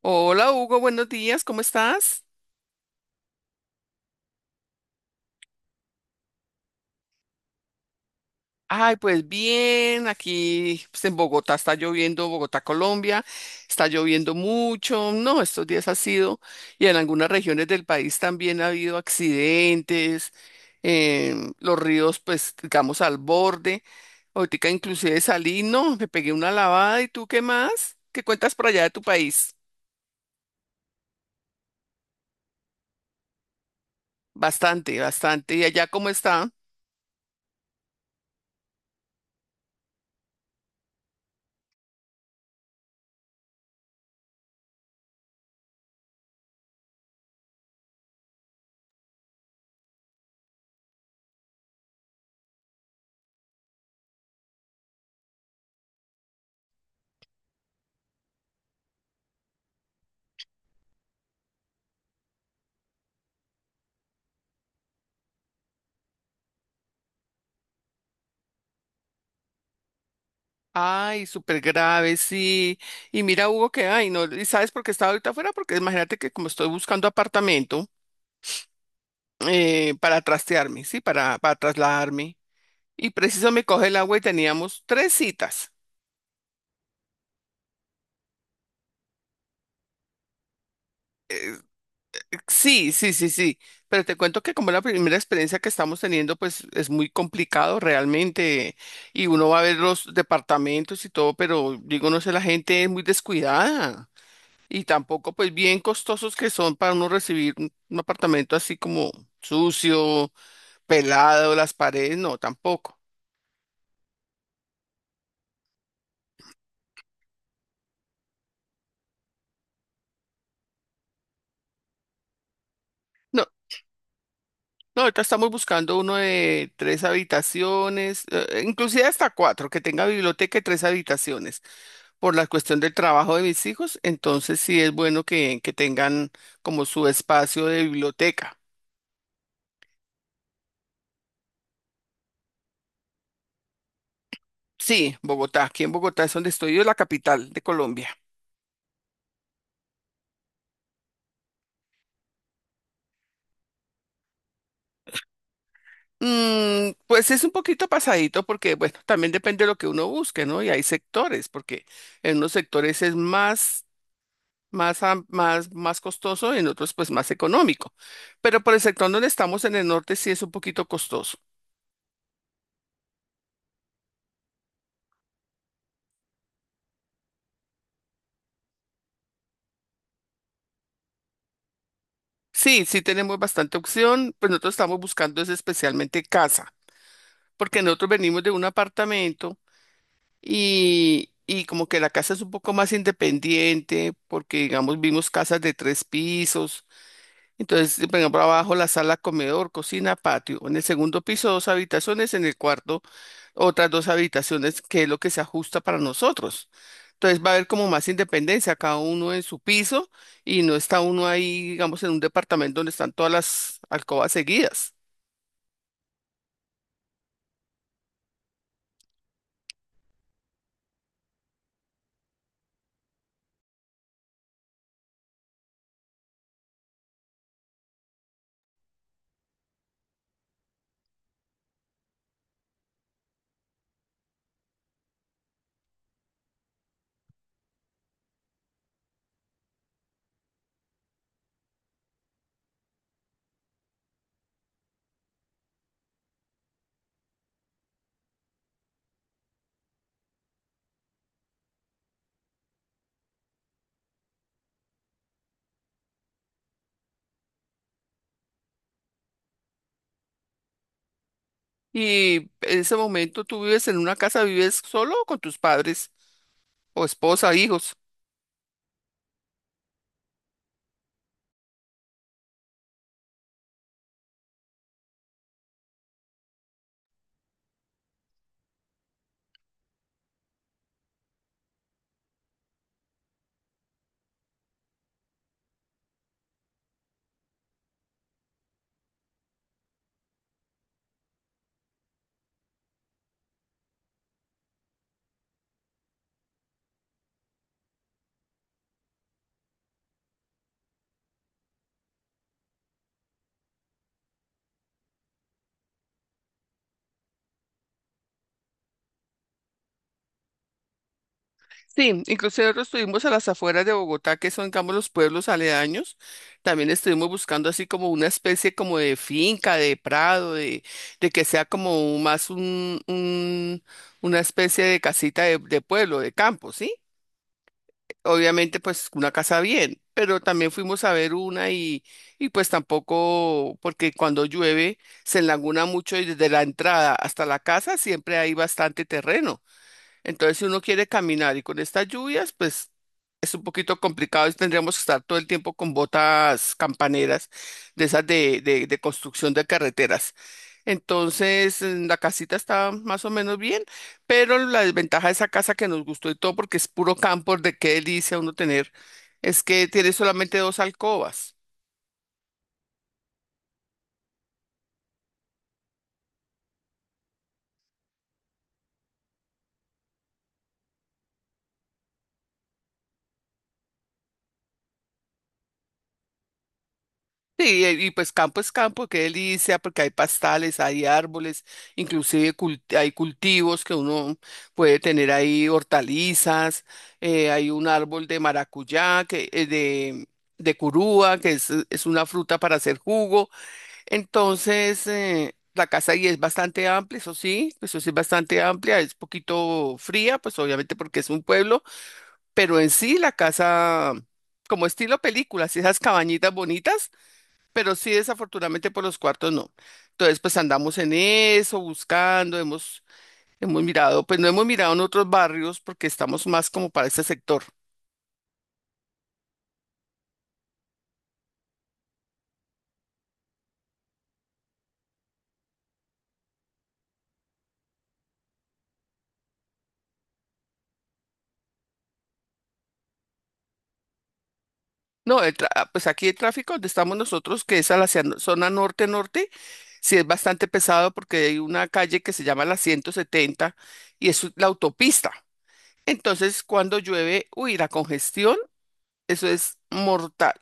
Hola Hugo, buenos días, ¿cómo estás? Ay, pues bien, aquí pues, en Bogotá está lloviendo, Bogotá, Colombia, está lloviendo mucho, no, estos días ha sido, y en algunas regiones del país también ha habido accidentes, los ríos pues digamos al borde, ahorita inclusive salí, no, me pegué una lavada. ¿Y tú qué más? ¿Qué cuentas por allá de tu país? Bastante, bastante, ¿y allá cómo está? Ay, súper grave, sí. Y mira, Hugo, que, ay, no, ¿y sabes por qué estaba ahorita afuera? Porque imagínate que como estoy buscando apartamento para trastearme, sí, para trasladarme. Y preciso me coge el agua y teníamos tres citas. Sí, sí, sí, sí. Pero te cuento que como la primera experiencia que estamos teniendo, pues es muy complicado realmente. Y uno va a ver los departamentos y todo, pero digo, no sé, la gente es muy descuidada. Y tampoco, pues bien costosos que son para uno recibir un apartamento así como sucio, pelado, las paredes, no, tampoco. No, no, ahorita estamos buscando uno de tres habitaciones, inclusive hasta cuatro, que tenga biblioteca y tres habitaciones, por la cuestión del trabajo de mis hijos, entonces sí es bueno que, tengan como su espacio de biblioteca. Sí, Bogotá, aquí en Bogotá es donde estoy yo, la capital de Colombia. Mm, pues es un poquito pasadito porque, bueno, también depende de lo que uno busque, ¿no? Y hay sectores, porque en unos sectores es más, más, costoso y en otros pues más económico. Pero por el sector donde estamos en el norte sí es un poquito costoso. Sí, sí tenemos bastante opción, pues nosotros estamos buscando es especialmente casa, porque nosotros venimos de un apartamento y como que la casa es un poco más independiente, porque digamos vimos casas de tres pisos. Entonces, siempre abajo la sala, comedor, cocina, patio. En el segundo piso, dos habitaciones. En el cuarto, otras dos habitaciones, que es lo que se ajusta para nosotros. Entonces, va a haber como más independencia, cada uno en su piso y no está uno ahí, digamos, en un departamento donde están todas las alcobas seguidas. Y en ese momento, ¿tú vives en una casa, vives solo o con tus padres o esposa, hijos? Sí, inclusive nosotros estuvimos a las afueras de Bogotá, que son, digamos, los pueblos aledaños. También estuvimos buscando así como una especie como de finca, de prado, de que sea como más una especie de casita de pueblo, de campo, ¿sí? Obviamente, pues una casa bien, pero también fuimos a ver una y pues tampoco, porque cuando llueve se enlaguna mucho y desde la entrada hasta la casa siempre hay bastante terreno. Entonces, si uno quiere caminar y con estas lluvias, pues es un poquito complicado y tendríamos que estar todo el tiempo con botas campaneras de esas de construcción de carreteras. Entonces, la casita está más o menos bien, pero la desventaja de esa casa que nos gustó y todo, porque es puro campo, de qué delicia uno tener, es que tiene solamente dos alcobas. Sí, y pues campo es campo, qué delicia, porque hay pastales, hay árboles, inclusive hay cultivos que uno puede tener ahí, hortalizas, hay un árbol de maracuyá, que, de curúa, que es una fruta para hacer jugo. Entonces, la casa ahí es bastante amplia, eso sí es bastante amplia, es poquito fría, pues obviamente porque es un pueblo, pero en sí la casa, como estilo películas, esas cabañitas bonitas. Pero sí, desafortunadamente por los cuartos no. Entonces, pues andamos en eso, buscando, hemos mirado, pues no hemos mirado en otros barrios porque estamos más como para ese sector. No, pues aquí el tráfico donde estamos nosotros, que es no, zona norte-norte, sí es bastante pesado porque hay una calle que se llama la 170 y es la autopista. Entonces, cuando llueve, uy, la congestión, eso es mortal.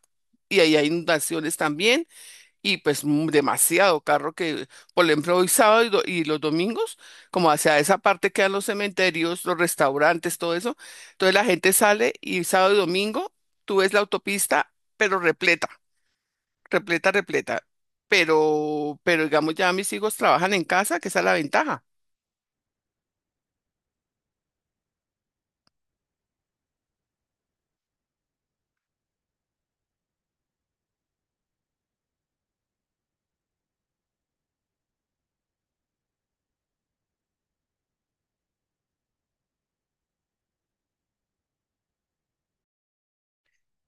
Y ahí hay inundaciones también. Y pues demasiado carro que, por ejemplo, hoy sábado y los domingos, como hacia esa parte quedan los cementerios, los restaurantes, todo eso. Entonces la gente sale y sábado y domingo tú ves la autopista, pero repleta, repleta, repleta. Pero digamos, ya mis hijos trabajan en casa, que esa es la ventaja.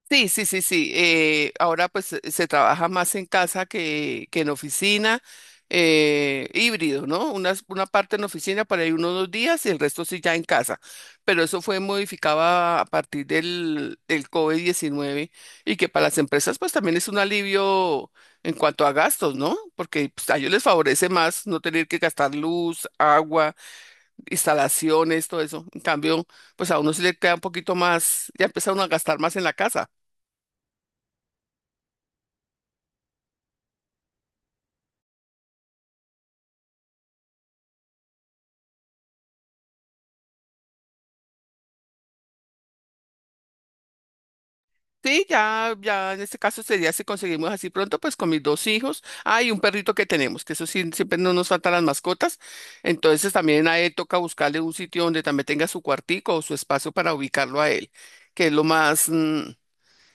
Sí, sí, sí, sí. Ahora pues se trabaja más en casa que en oficina, híbrido, ¿no? Una parte en oficina para ahí unos dos días y el resto sí ya en casa. Pero eso fue modificado a partir del COVID-19 y que para las empresas pues también es un alivio en cuanto a gastos, ¿no? Porque pues, a ellos les favorece más no tener que gastar luz, agua, instalaciones, todo eso. En cambio, pues a uno sí le queda un poquito más, ya empieza uno a gastar más en la casa. Sí, ya, ya en este caso sería si conseguimos así pronto, pues con mis dos hijos. Ah, y un perrito que tenemos, que eso sí, siempre no nos faltan las mascotas. Entonces también a él toca buscarle un sitio donde también tenga su cuartico o su espacio para ubicarlo a él, que es lo más,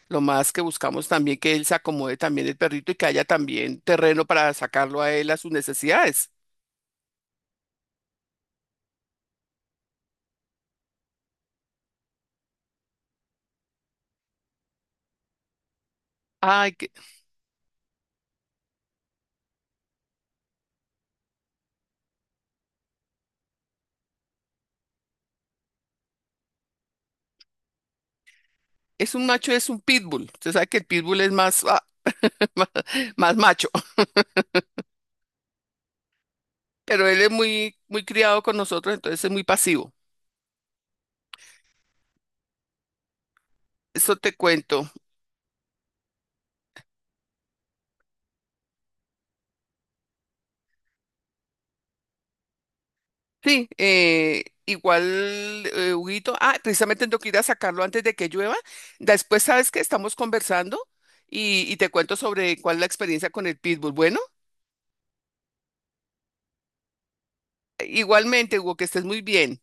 lo más que buscamos también, que él se acomode también el perrito y que haya también terreno para sacarlo a él a sus necesidades. Ay, que es un macho, es un pitbull. Usted sabe que el pitbull es más, ah, más macho. Pero él es muy, muy criado con nosotros, entonces es muy pasivo. Eso te cuento. Sí, Huguito, ah, precisamente tengo que ir a sacarlo antes de que llueva. Después sabes que estamos conversando y te cuento sobre cuál es la experiencia con el pitbull. Bueno, igualmente, Hugo, que estés muy bien.